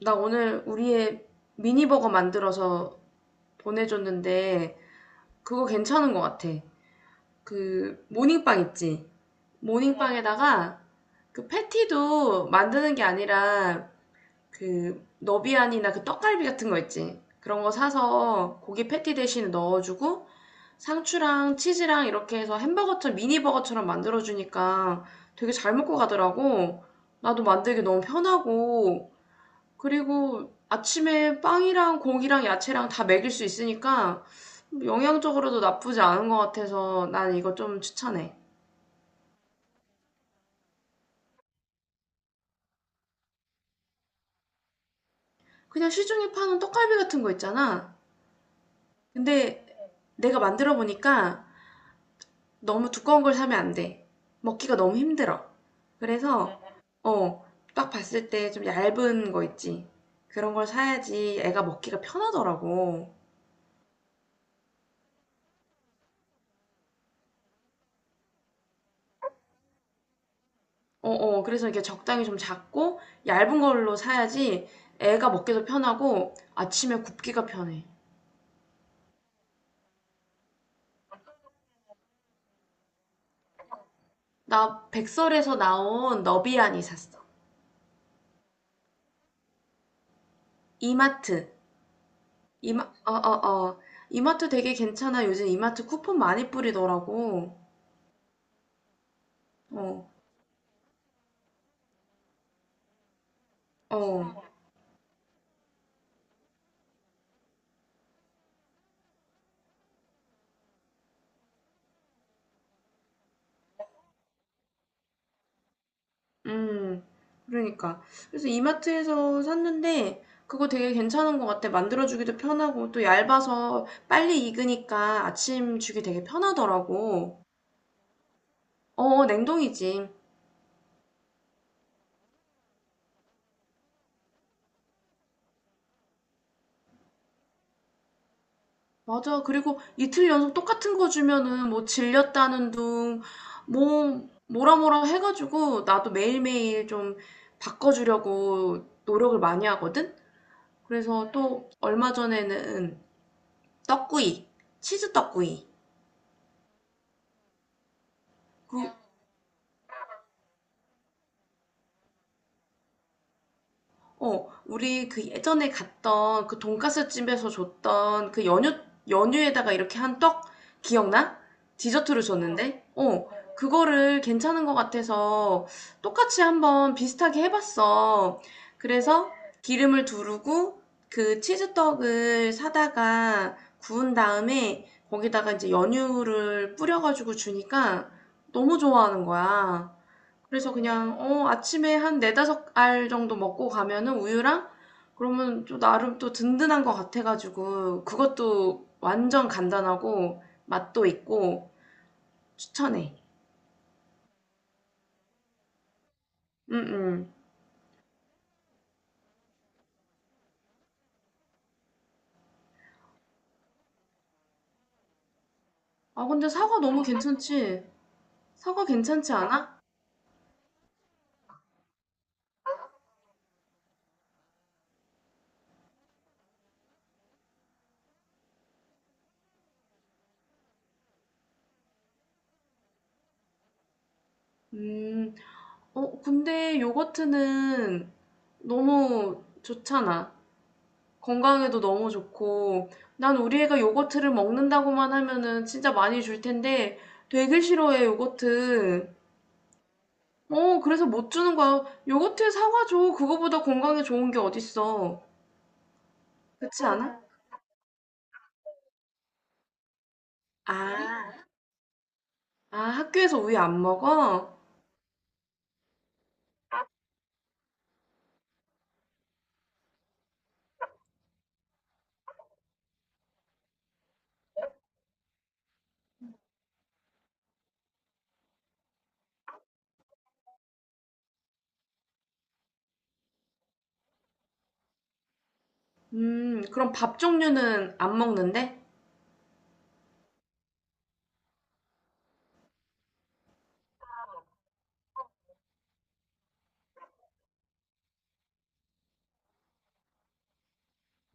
나 오늘 우리의 미니버거 만들어서 보내줬는데 그거 괜찮은 것 같아. 그 모닝빵 있지? 모닝빵에다가 그 패티도 만드는 게 아니라 그 너비안이나 그 떡갈비 같은 거 있지? 그런 거 사서 고기 패티 대신에 넣어주고 상추랑 치즈랑 이렇게 해서 햄버거처럼 미니버거처럼 만들어주니까 되게 잘 먹고 가더라고. 나도 만들기 너무 편하고, 그리고 아침에 빵이랑 고기랑 야채랑 다 먹일 수 있으니까 영양적으로도 나쁘지 않은 것 같아서 난 이거 좀 추천해. 그냥 시중에 파는 떡갈비 같은 거 있잖아. 근데 내가 만들어 보니까 너무 두꺼운 걸 사면 안 돼. 먹기가 너무 힘들어. 그래서 어, 딱 봤을 때 좀 얇은 거 있지. 그런 걸 사야지 애가 먹기가 편하더라고. 어어. 그래서 이렇게 적당히 좀 작고 얇은 걸로 사야지 애가 먹기도 편하고 아침에 굽기가 편해. 나 백설에서 나온 너비안이 샀어. 이마트. 이마 어어어. 이마트 되게 괜찮아. 요즘 이마트 쿠폰 많이 뿌리더라고. 어. 어. 음. 그러니까. 그래서 이마트에서 샀는데 그거 되게 괜찮은 것 같아. 만들어주기도 편하고 또 얇아서 빨리 익으니까 아침 주기 되게 편하더라고. 냉동이지. 맞아. 그리고 이틀 연속 똑같은 거 주면은 뭐 질렸다는 둥, 뭐라 해가지고 나도 매일매일 좀 바꿔주려고 노력을 많이 하거든? 그래서 또 얼마 전에는 떡구이, 치즈 떡구이, 그, 우리 그 예전에 갔던 그 돈가스 집에서 줬던 그 연유, 연유에다가 이렇게 한 떡, 기억나? 디저트로 줬는데? 어, 그거를 괜찮은 것 같아서 똑같이 한번 비슷하게 해봤어. 그래서 기름을 두르고 그 치즈떡을 사다가 구운 다음에 거기다가 이제 연유를 뿌려가지고 주니까 너무 좋아하는 거야. 그래서 그냥 아침에 한 4-5알 정도 먹고 가면은 우유랑, 그러면 또 나름 또 든든한 것 같아가지고 그것도 완전 간단하고 맛도 있고 추천해. 응응. 아, 근데 사과 너무 괜찮지? 사과 괜찮지 않아? 음. 근데 요거트는 너무 좋잖아. 건강에도 너무 좋고 난 우리 애가 요거트를 먹는다고만 하면은 진짜 많이 줄 텐데 되게 싫어해 요거트. 그래서 못 주는 거야. 요거트 사과 줘. 그거보다 건강에 좋은 게 어딨어. 그렇지 않아? 아, 아 학교에서 우유 안 먹어? 음, 그럼 밥 종류는 안 먹는데?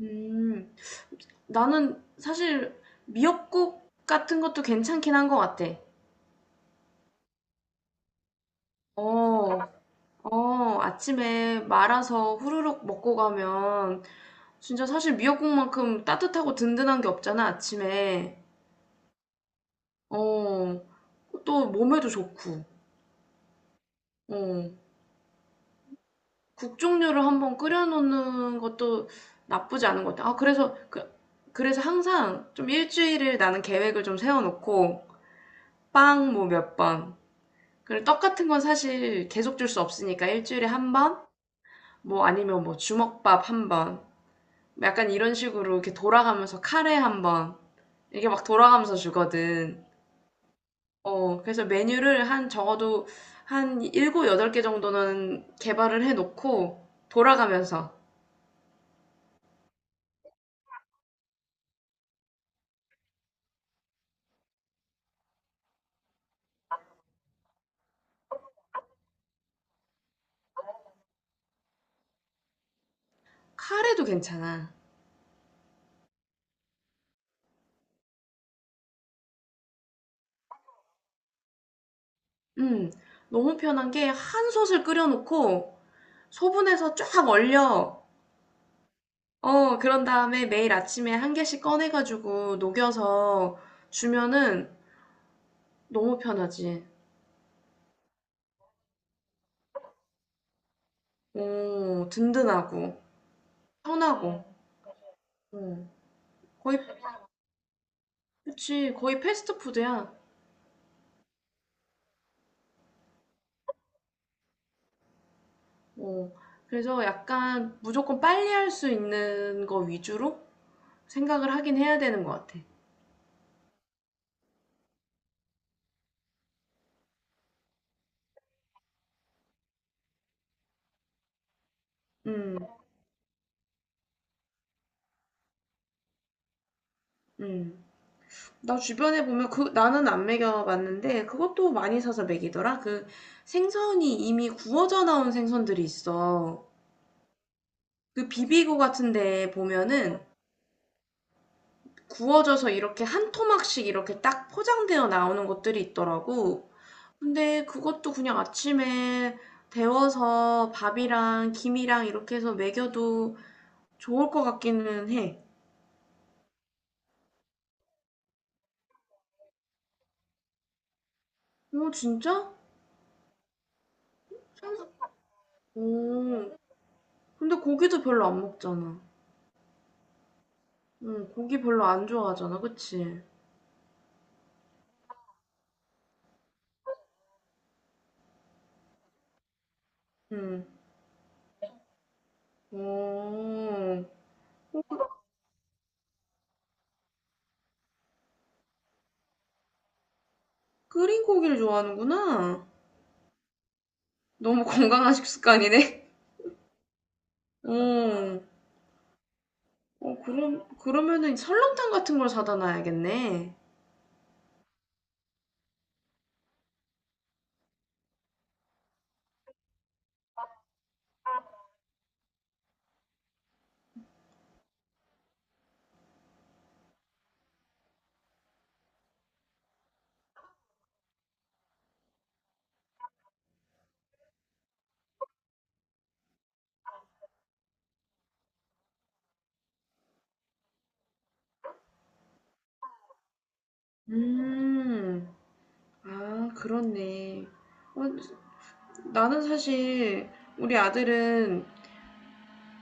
음. 나는 사실 미역국 같은 것도 괜찮긴 한 것 같아. 어. 어, 아침에 말아서 후루룩 먹고 가면 진짜 사실 미역국만큼 따뜻하고 든든한 게 없잖아, 아침에. 어, 또 몸에도 좋고. 어, 국 종류를 한번 끓여놓는 것도 나쁘지 않은 것 같아. 그래서 항상 좀 일주일을 나는 계획을 좀 세워놓고, 빵 뭐 몇 번. 그리고 떡 같은 건 사실 계속 줄 수 없으니까 일주일에 한 번? 뭐 아니면 뭐 주먹밥 한 번. 약간 이런 식으로 이렇게 돌아가면서 카레 한 번, 이게 막 돌아가면서 주거든. 어, 그래서 메뉴를 한 적어도 한 일곱 여덟 개 정도는 개발을 해놓고 돌아가면서. 카레도 괜찮아. 음, 너무 편한 게 한 솥을 끓여놓고 소분해서 쫙 얼려. 어, 그런 다음에 매일 아침에 한 개씩 꺼내가지고 녹여서 주면은 너무 편하지. 오, 든든하고, 편하고. 어, 거의 그치, 거의 패스트푸드야. 어, 그래서 약간 무조건 빨리 할 수 있는 거 위주로 생각을 하긴 해야 되는 것 같아. 음, 음. 나 주변에 보면 그, 나는 안 먹여봤는데 그것도 많이 사서 먹이더라. 그 생선이 이미 구워져 나온 생선들이 있어. 그 비비고 같은데 보면은 구워져서 이렇게 한 토막씩 이렇게 딱 포장되어 나오는 것들이 있더라고. 근데 그것도 그냥 아침에 데워서 밥이랑 김이랑 이렇게 해서 먹여도 좋을 것 같기는 해. 어, 진짜? 생 오, 근데 고기도 별로 안 먹잖아. 응, 고기 별로 안 좋아하잖아, 그치? 응. 오, 끓인 고기를 좋아하는구나. 너무 건강한 식습관이네. 어, 어, 그럼, 그러면은 설렁탕 같은 걸 사다 놔야겠네. 음, 아, 그렇네. 어, 나는 사실 우리 아들은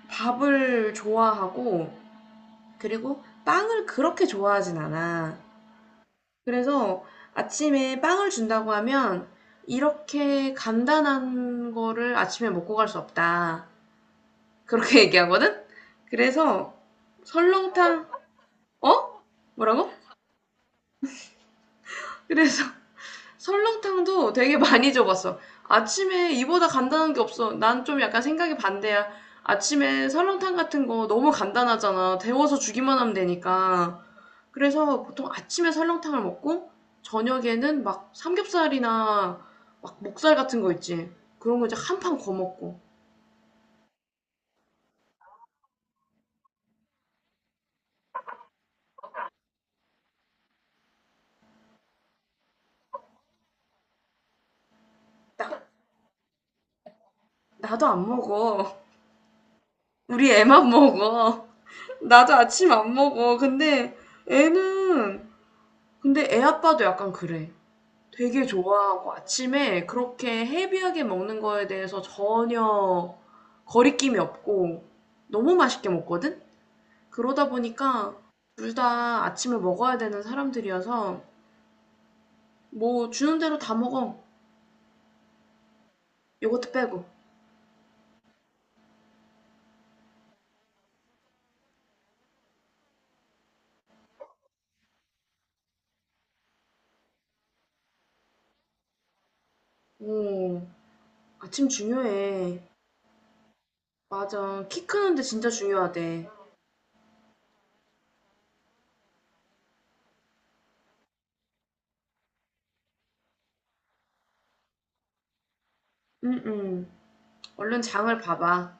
밥을 좋아하고 그리고 빵을 그렇게 좋아하진 않아. 그래서 아침에 빵을 준다고 하면 이렇게 간단한 거를 아침에 먹고 갈 수 없다. 그렇게 얘기하거든? 그래서 설렁탕, 어? 뭐라고? 그래서 설렁탕도 되게 많이 줘봤어. 아침에 이보다 간단한 게 없어. 난 좀 약간 생각이 반대야. 아침에 설렁탕 같은 거 너무 간단하잖아. 데워서 주기만 하면 되니까. 그래서 보통 아침에 설렁탕을 먹고 저녁에는 막 삼겹살이나 막 목살 같은 거 있지. 그런 거 이제 한 판 거먹고. 나, 나도 안 먹어. 우리 애만 먹어. 나도 아침 안 먹어. 근데 애는, 근데 애 아빠도 약간 그래. 되게 좋아하고 아침에 그렇게 헤비하게 먹는 거에 대해서 전혀 거리낌이 없고 너무 맛있게 먹거든? 그러다 보니까 둘 다 아침에 먹어야 되는 사람들이어서 뭐 주는 대로 다 먹어. 요거트 빼고. 오, 아침 중요해. 맞아. 키 크는데 진짜 중요하대. 응, 응. 얼른 장을 봐봐.